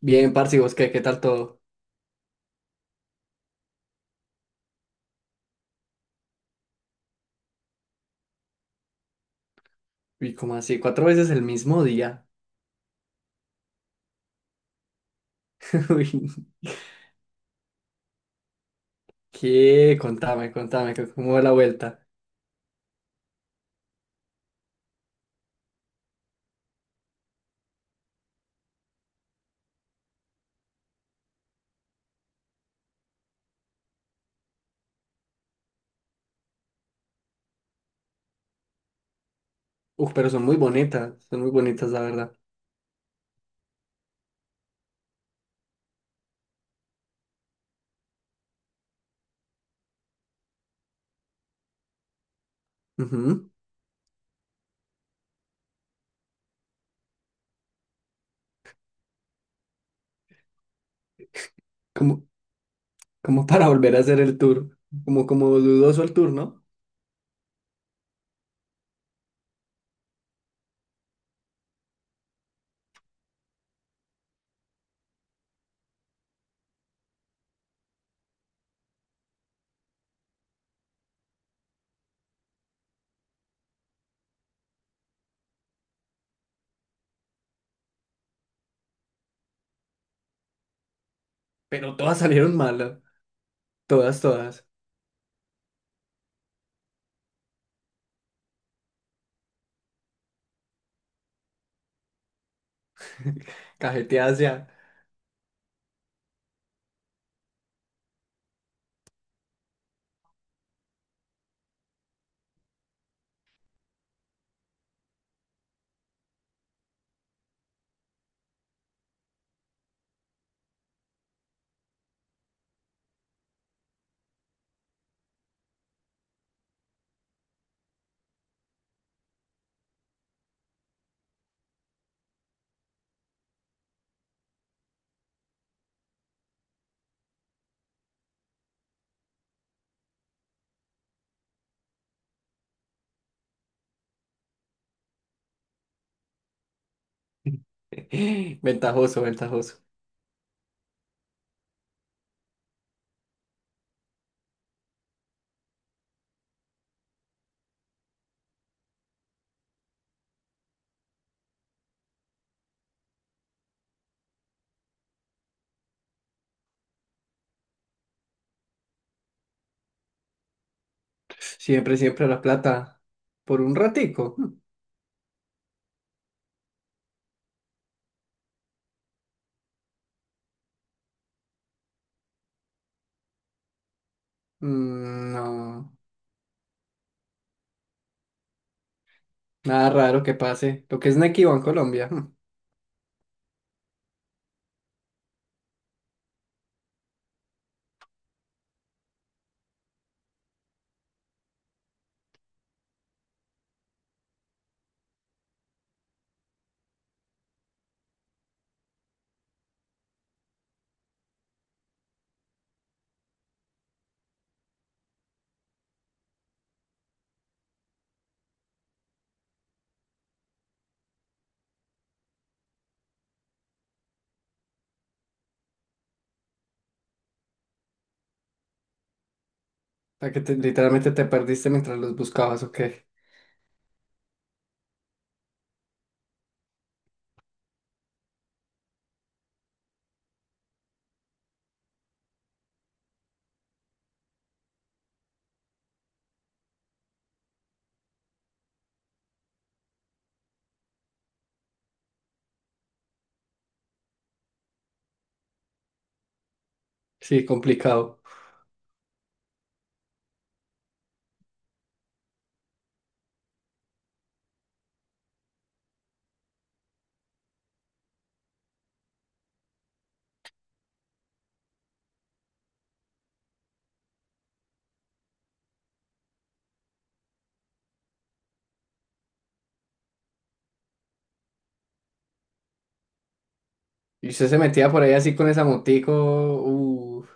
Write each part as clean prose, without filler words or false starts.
Bien, parce, ¿y vos qué tal todo? Uy, cómo así, ¿cuatro veces el mismo día? Uy, ¿qué? Contame, ¿cómo va la vuelta? Uf, pero son muy bonitas, la verdad. Ujú. Como, como para volver a hacer el tour, como dudoso el tour, ¿no? Pero todas salieron malas, todas. Cajeteadas ya. Ventajoso. Siempre la plata. ¿Por un ratico? No, nada raro que pase. Lo que es Nequi en Colombia. Sea, que literalmente te perdiste mientras los buscabas, ok. Sí, complicado. Y usted se metía por ahí así con esa motico. Uh,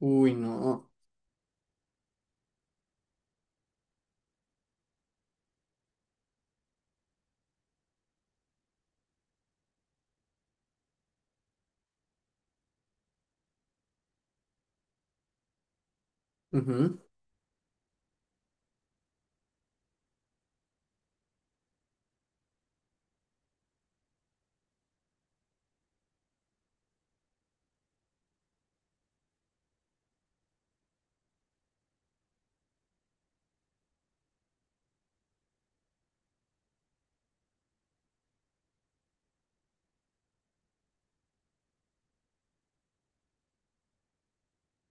uy, no. Ujú.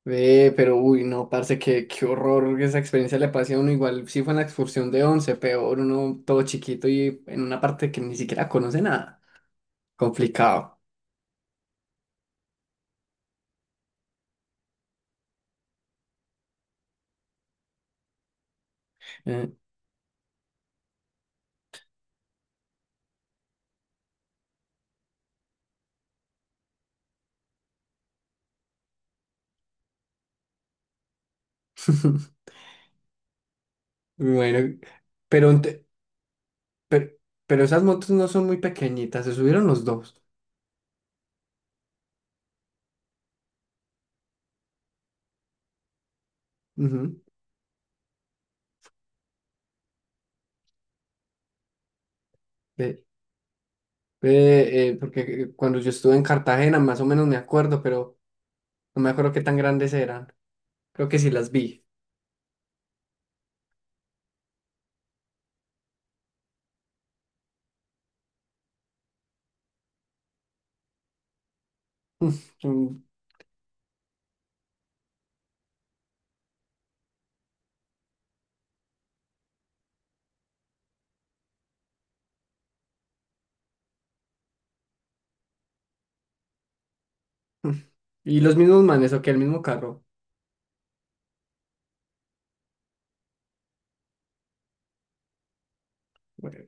Ve, pero uy, no, parce, qué horror esa experiencia le pasé a uno. Igual sí fue en la excursión de 11, peor uno todo chiquito y en una parte que ni siquiera conoce nada. Complicado. Eh, Bueno, pero, ent- per- pero, esas motos no son muy pequeñitas, se subieron los dos. Ujú. Porque cuando yo estuve en Cartagena, más o menos me acuerdo, pero no me acuerdo qué tan grandes eran. Creo que sí las vi. Mm, mm. Y los mismos manes, o que el mismo carro. Bueno,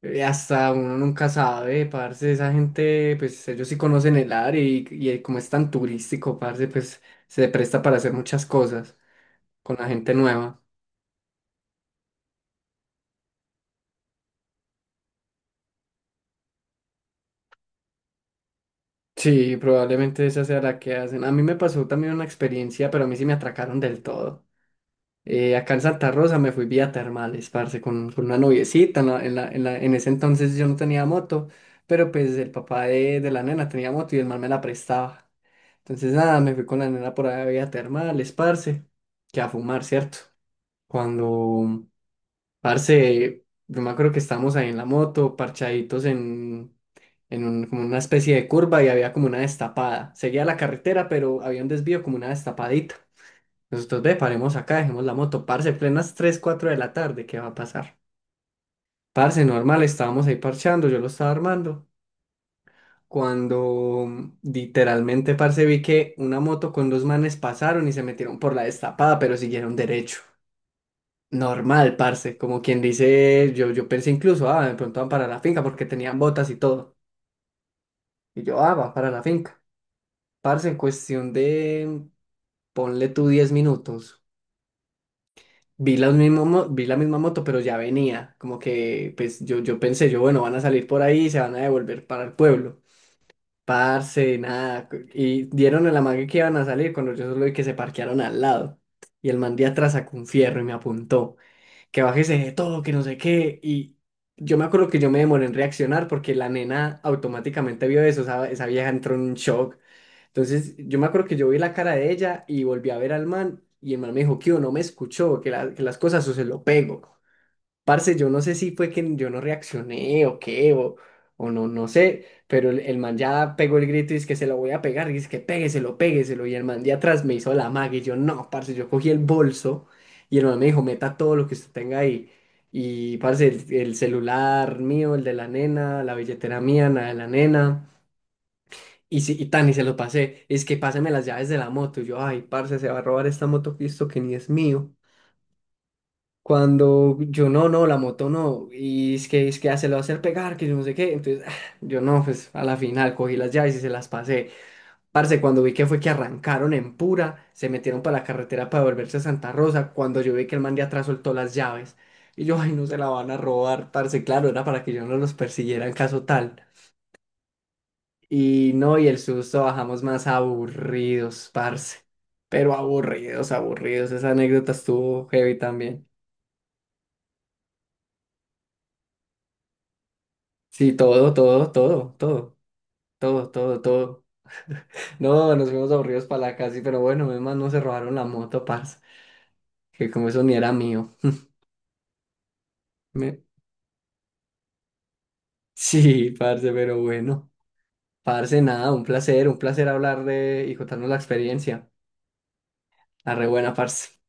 hasta uno nunca sabe, parce, esa gente, pues ellos sí conocen el área y como es tan turístico, parce, pues se presta para hacer muchas cosas con la gente nueva. Sí, probablemente esa sea la que hacen. A mí me pasó también una experiencia, pero a mí sí me atracaron del todo. Acá en Santa Rosa me fui vía termales, parce, con una noviecita. En ese entonces yo no tenía moto, pero pues el papá de la nena tenía moto y el man me la prestaba. Entonces nada, me fui con la nena por allá vía termales, parce, que a fumar, ¿cierto? Cuando, parce, yo me acuerdo que estábamos ahí en la moto, parchaditos en como una especie de curva y había como una destapada. Seguía la carretera, pero había un desvío como una destapadita. Nosotros ve, paremos acá, dejemos la moto, parce, plenas 3 4 de la tarde, ¿qué va a pasar? Parce, normal, estábamos ahí parchando, yo lo estaba armando, cuando literalmente, parce, vi que una moto con dos manes pasaron y se metieron por la destapada, pero siguieron derecho. Normal, parce, como quien dice, yo pensé incluso, ah, de pronto van para la finca porque tenían botas y todo. Y yo, ah, va para la finca. Parce, en cuestión de, ponle tú 10 minutos. Vi vi la misma moto, pero ya venía. Como que, pues yo pensé, yo, bueno, van a salir por ahí y se van a devolver para el pueblo. Parce, nada. Y dieron el amague que iban a salir cuando yo solo vi que se parquearon al lado. Y el man de atrás sacó un fierro y me apuntó. Que bájese de todo, que no sé qué. Y yo me acuerdo que yo me demoré en reaccionar porque la nena automáticamente vio eso. Esa vieja entró en un shock. Entonces, yo me acuerdo que yo vi la cara de ella y volví a ver al man y el man me dijo, Kio, no me escuchó, que, que las cosas o se lo pego. Parce, yo no sé si fue que yo no reaccioné o qué, o no, no sé, pero el man ya pegó el grito y es que se lo voy a pegar, y es que pégueselo. Y el man de atrás me hizo la magia y yo, no, parce, yo cogí el bolso y el man me dijo, meta todo lo que usted tenga ahí. Y parce, el celular mío, el de la nena, la billetera mía, la de la nena. Y, si, y tan, y se lo pasé. Es que pásame las llaves de la moto. Y yo, ay, parce, se va a robar esta moto Cristo que ni es mío. Cuando yo, no, la moto no. Y es que ya se lo va a hacer pegar, que yo no sé qué. Entonces, ah, yo no, pues a la final cogí las llaves y se las pasé. Parce, cuando vi que fue que arrancaron en pura, se metieron para la carretera para volverse a Santa Rosa. Cuando yo vi que el man de atrás soltó las llaves. Y yo, ay, no se la van a robar, parce. Claro, era para que yo no los persiguiera en caso tal. Y no, y el susto bajamos más aburridos, parce. Pero aburridos, aburridos. Esa anécdota estuvo heavy también. Sí, todo, todo, todo, todo, todo, todo, todo. No, nos fuimos aburridos para la casa, pero bueno, además no se robaron la moto, parce. Que como eso ni era mío. Me- Sí, parce, pero bueno. Parce, nada, un placer hablar de y contarnos la experiencia. La re buena, parce.